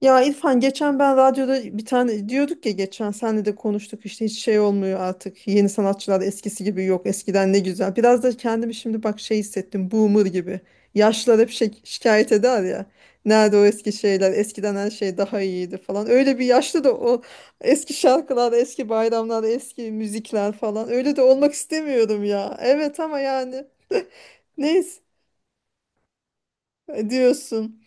Ya İrfan, geçen ben radyoda bir tane diyorduk ya, geçen senle de konuştuk işte. Hiç şey olmuyor artık, yeni sanatçılar eskisi gibi yok. Eskiden ne güzel, biraz da kendimi şimdi bak şey hissettim, boomer gibi. Yaşlılar hep şey, şikayet eder ya, nerede o eski şeyler, eskiden her şey daha iyiydi falan, öyle bir yaşlı da o eski şarkılar, eski bayramlar, eski müzikler falan. Öyle de olmak istemiyorum ya. Evet, ama yani neyse diyorsun.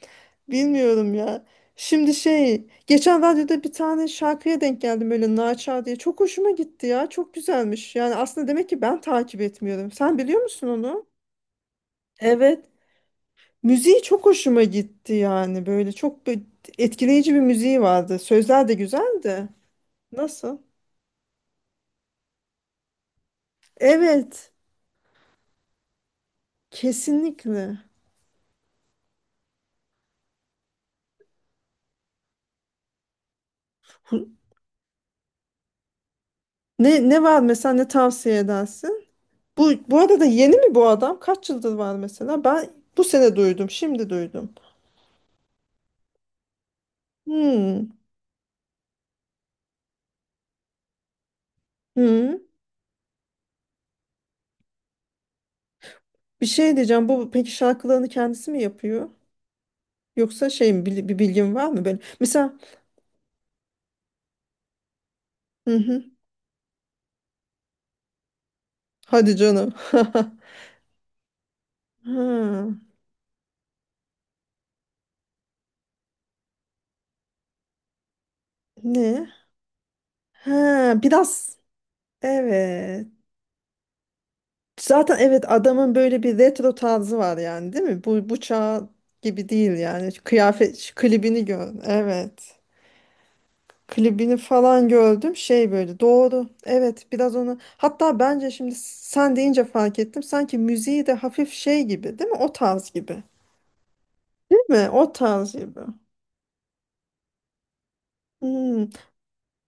Bilmiyorum ya. Şimdi şey, geçen radyoda bir tane şarkıya denk geldim, öyle Naçar diye. Çok hoşuma gitti ya. Çok güzelmiş. Yani aslında demek ki ben takip etmiyorum. Sen biliyor musun onu? Evet. Müziği çok hoşuma gitti yani. Böyle çok etkileyici bir müziği vardı. Sözler de güzeldi. Nasıl? Evet, kesinlikle. Hu- ne var mesela, ne tavsiye edersin? Bu arada da yeni mi bu adam? Kaç yıldır var mesela? Ben bu sene duydum, şimdi duydum. Hmm. Hı. Bir şey diyeceğim. Bu peki şarkılarını kendisi mi yapıyor? Yoksa şey mi, bir bilgin var mı böyle? Mesela hı hı. Hadi canım. Ha, ne? Ha, biraz evet. Zaten evet, adamın böyle bir retro tarzı var yani, değil mi? Bu çağ gibi değil yani. Şu Kıyafet şu klibini gör. Evet. Klibini falan gördüm. Şey, böyle doğru. Evet, biraz onu. Hatta bence şimdi sen deyince fark ettim. Sanki müziği de hafif şey gibi, değil mi? O tarz gibi. Değil mi? O tarz gibi. Hmm.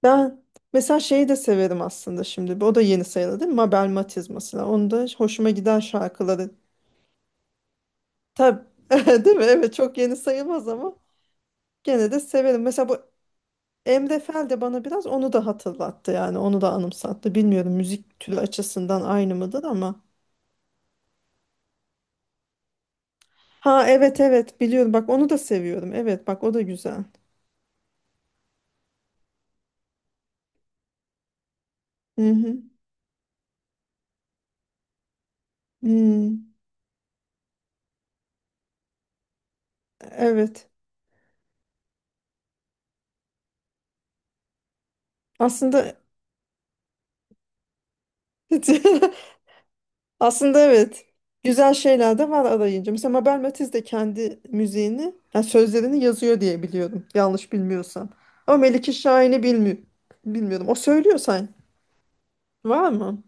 Ben mesela şeyi de severim aslında, şimdi. O da yeni sayılır, değil mi? Mabel Matiz mesela. Onu da hoşuma giden şarkıları. Tabii. Değil mi? Evet, çok yeni sayılmaz ama gene de severim. Mesela bu Emre Fel de bana biraz onu da hatırlattı yani. Onu da anımsattı. Bilmiyorum, müzik türü açısından aynı mıdır ama. Ha evet evet, biliyorum. Bak, onu da seviyorum. Evet bak, o da güzel. Hı hı. Hmm. Evet. Aslında aslında evet. Güzel şeyler de var arayınca. Mesela Mabel Matiz de kendi müziğini, yani sözlerini yazıyor diye biliyorum. Yanlış bilmiyorsam. Ama Melike Şahin'i bilmiyorum. O söylüyor sanki. Var mı?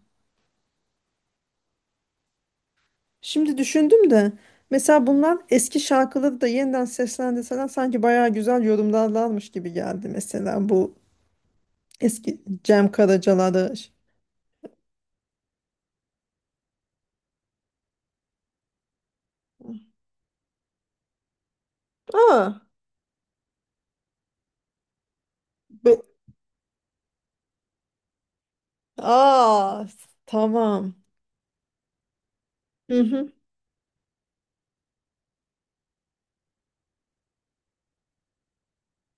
Şimdi düşündüm de mesela bunlar eski şarkıları da yeniden seslendirseler sanki bayağı güzel yorumlarlarmış gibi geldi, mesela bu eski Cem Karaca'larda. Aa, be- aa, tamam. Hı hı.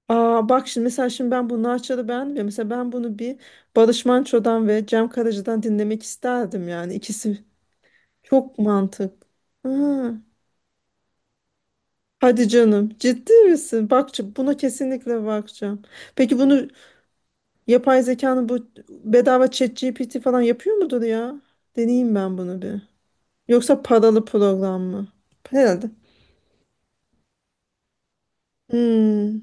Aa, bak şimdi, mesela şimdi ben bu Narçar'ı beğenmiyorum. Mesela ben bunu bir Barış Manço'dan ve Cem Karaca'dan dinlemek isterdim yani. İkisi çok mantık. Ha, hadi canım, ciddi misin? Bak, buna kesinlikle bakacağım. Peki bunu, yapay zekanın bu, bedava ChatGPT falan yapıyor mudur ya? Deneyeyim ben bunu bir. Yoksa paralı program mı? Herhalde. Hmm,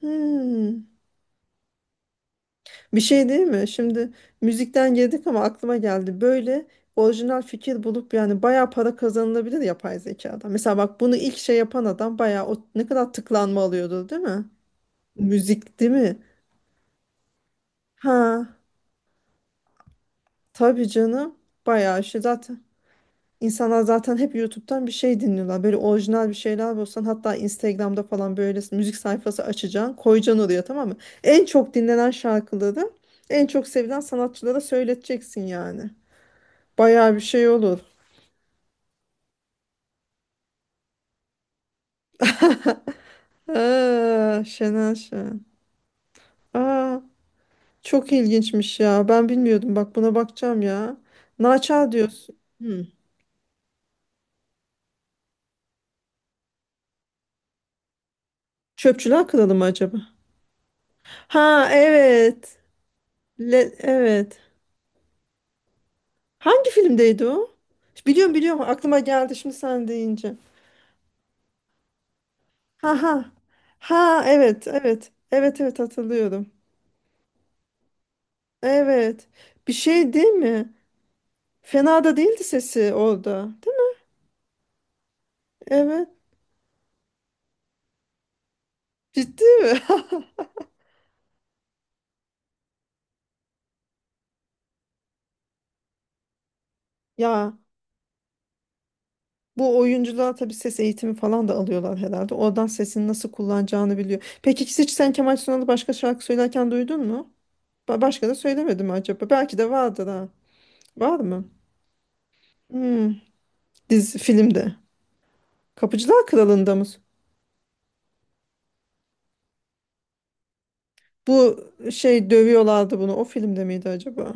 hmm. Bir şey değil mi? Şimdi müzikten girdik ama aklıma geldi. Böyle orijinal fikir bulup yani bayağı para kazanılabilir yapay zekadan. Mesela bak, bunu ilk şey yapan adam bayağı, o ne kadar tıklanma alıyordu değil mi? Müzik, değil mi? Ha, tabii canım. Bayağı şey zaten. İnsanlar zaten hep YouTube'dan bir şey dinliyorlar. Böyle orijinal bir şeyler bulsan, hatta Instagram'da falan böyle müzik sayfası açacaksın. Koyacaksın oraya, tamam mı? En çok dinlenen şarkıları en çok sevilen sanatçılara söyleteceksin yani. Bayağı bir şey olur. Aa, Şener Şen. Aa, çok ilginçmiş ya. Ben bilmiyordum. Bak, buna bakacağım ya. Naçal diyorsun. Hmm. Çöpçüler Kralı mı acaba? Ha evet. Evet. Hangi filmdeydi o? Biliyorum biliyorum, aklıma geldi şimdi sen deyince. Ha ha. Ha evet evet. Evet evet, hatırlıyorum. Evet. Bir şey değil mi? Fena da değildi sesi orada. Değil mi? Evet. Ciddi mi? Ya bu oyuncular tabii ses eğitimi falan da alıyorlar herhalde. Oradan sesini nasıl kullanacağını biliyor. Peki hiç sen Kemal Sunal'ı başka şarkı söylerken duydun mu? Başka da söylemedi mi acaba? Belki de vardır, ha. Var mı? Hmm. Dizi, filmde. Kapıcılar Kralı'nda mı? Bu, şey dövüyorlardı bunu. O filmde miydi acaba?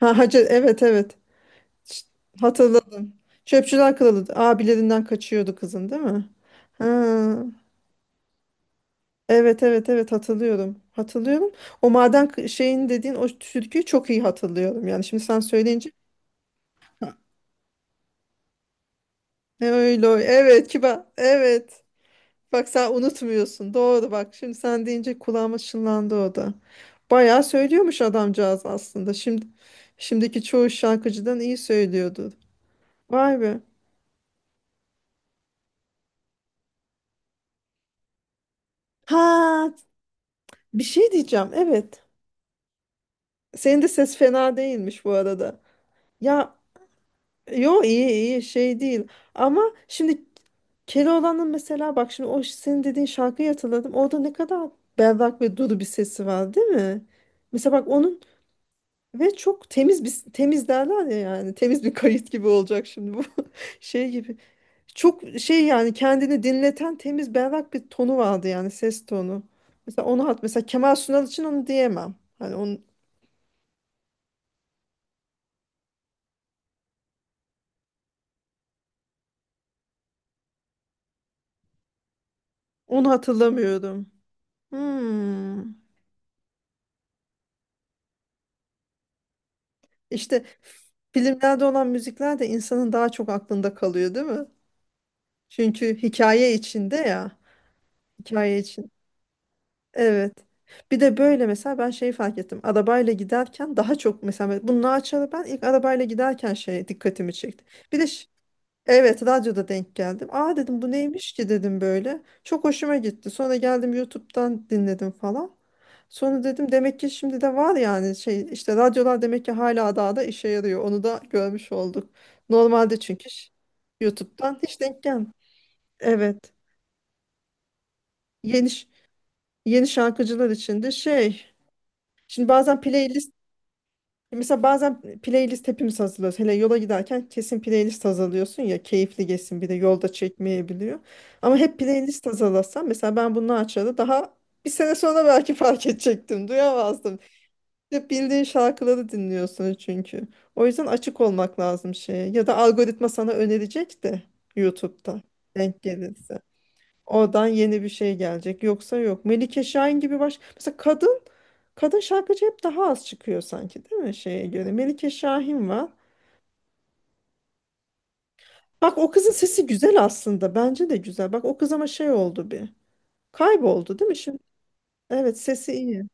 Ha, Hacı, evet evet. Ş- Hatırladım. Çöpçüler Kralı, abilerinden kaçıyordu kızın, değil mi? Ha, evet evet evet, hatırlıyorum. Hatırlıyorum. O maden şeyin dediğin o türküyü çok iyi hatırlıyorum. Yani şimdi sen söyleyince ha, öyle öyle. Evet, kibar. Evet. Bak sen unutmuyorsun. Doğru bak. Şimdi sen deyince kulağıma çınlandı o da. Bayağı söylüyormuş adamcağız aslında. Şimdi şimdiki çoğu şarkıcıdan iyi söylüyordu. Vay be. Ha, bir şey diyeceğim. Evet. Senin de ses fena değilmiş bu arada. Ya, yo iyi iyi, şey değil. Ama şimdi Keloğlan'ın, mesela bak şimdi, o senin dediğin şarkıyı hatırladım. Orada ne kadar berrak ve duru bir sesi var, değil mi? Mesela bak, onun ve çok temiz bir, temiz derler ya, yani temiz bir kayıt gibi olacak şimdi bu şey gibi. Çok şey yani, kendini dinleten temiz berrak bir tonu vardı yani, ses tonu. Mesela onu hat, mesela Kemal Sunal için onu diyemem. Hani onu hatırlamıyorum. Hmm. İşte filmlerde olan müzikler de insanın daha çok aklında kalıyor, değil mi? Çünkü hikaye içinde ya. Hikaye için. Evet. Bir de böyle mesela ben şeyi fark ettim. Arabayla giderken daha çok, mesela bunu açarı ben ilk arabayla giderken şey dikkatimi çekti. Bir de Evet, radyoda denk geldim. Aa dedim, bu neymiş ki dedim böyle. Çok hoşuma gitti. Sonra geldim, YouTube'dan dinledim falan. Sonra dedim, demek ki şimdi de var yani, şey işte radyolar demek ki hala daha da işe yarıyor. Onu da görmş olduk. Normalde çünkü YouTube'dan hiç denk gelmiyor. Evet. Yeni ş- yeni şarkıcılar için de şey. Şimdi bazen playlist Mesela bazen playlist hepimiz hazırlıyoruz. Hele yola giderken kesin playlist hazırlıyorsun ya, keyifli geçsin, bir de yolda çekmeyebiliyor. Ama hep playlist hazırlasam, mesela ben bunu açarı daha bir sene sonra belki fark edecektim. Duyamazdım. Hep bildiğin şarkıları dinliyorsun çünkü. O yüzden açık olmak lazım şeye. Ya da algoritma sana önerecek de YouTube'da denk gelirse. Oradan yeni bir şey gelecek. Yoksa yok. Melike Şahin gibi Mesela kadın şarkıcı hep daha az çıkıyor sanki, değil mi şeye göre? Melike Şahin var. Bak o kızın sesi güzel aslında. Bence de güzel. Bak o kız ama şey oldu bir. Kayboldu değil mi şimdi? Evet, sesi iyi.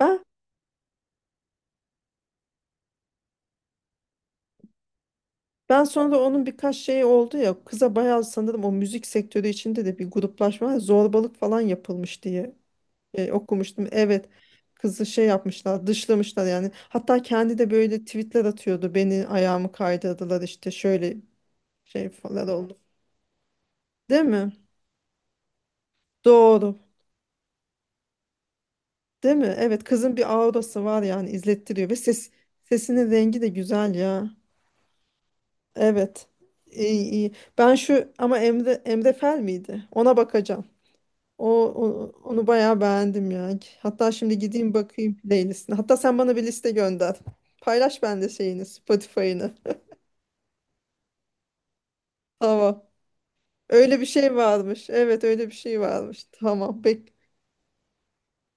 Ben ben sonra onun birkaç şeyi oldu ya. Kıza bayağı sanırım o müzik sektörü içinde de bir gruplaşma, zorbalık falan yapılmış diye okumuştum. Evet. Kızı şey yapmışlar, dışlamışlar yani. Hatta kendi de böyle tweetler atıyordu. Beni ayağımı kaydırdılar işte, şöyle şey falan oldu. Değil mi? Doğru. Değil mi? Evet, kızın bir aurası var yani, izlettiriyor ve sesinin rengi de güzel ya. Evet. İyi, iyi. Ben şu ama Emre Fel miydi? Ona bakacağım. Onu bayağı beğendim ya. Hatta şimdi gideyim bakayım playlistine. Hatta sen bana bir liste gönder. Paylaş bende şeyini, Spotify'ını. Tamam. Öyle bir şey varmış. Evet, öyle bir şey varmış. Tamam. Bek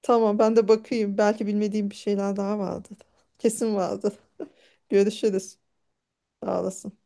tamam ben de bakayım. Belki bilmediğim bir şeyler daha vardır. Kesin vardır. Görüşürüz. Sağ olasın.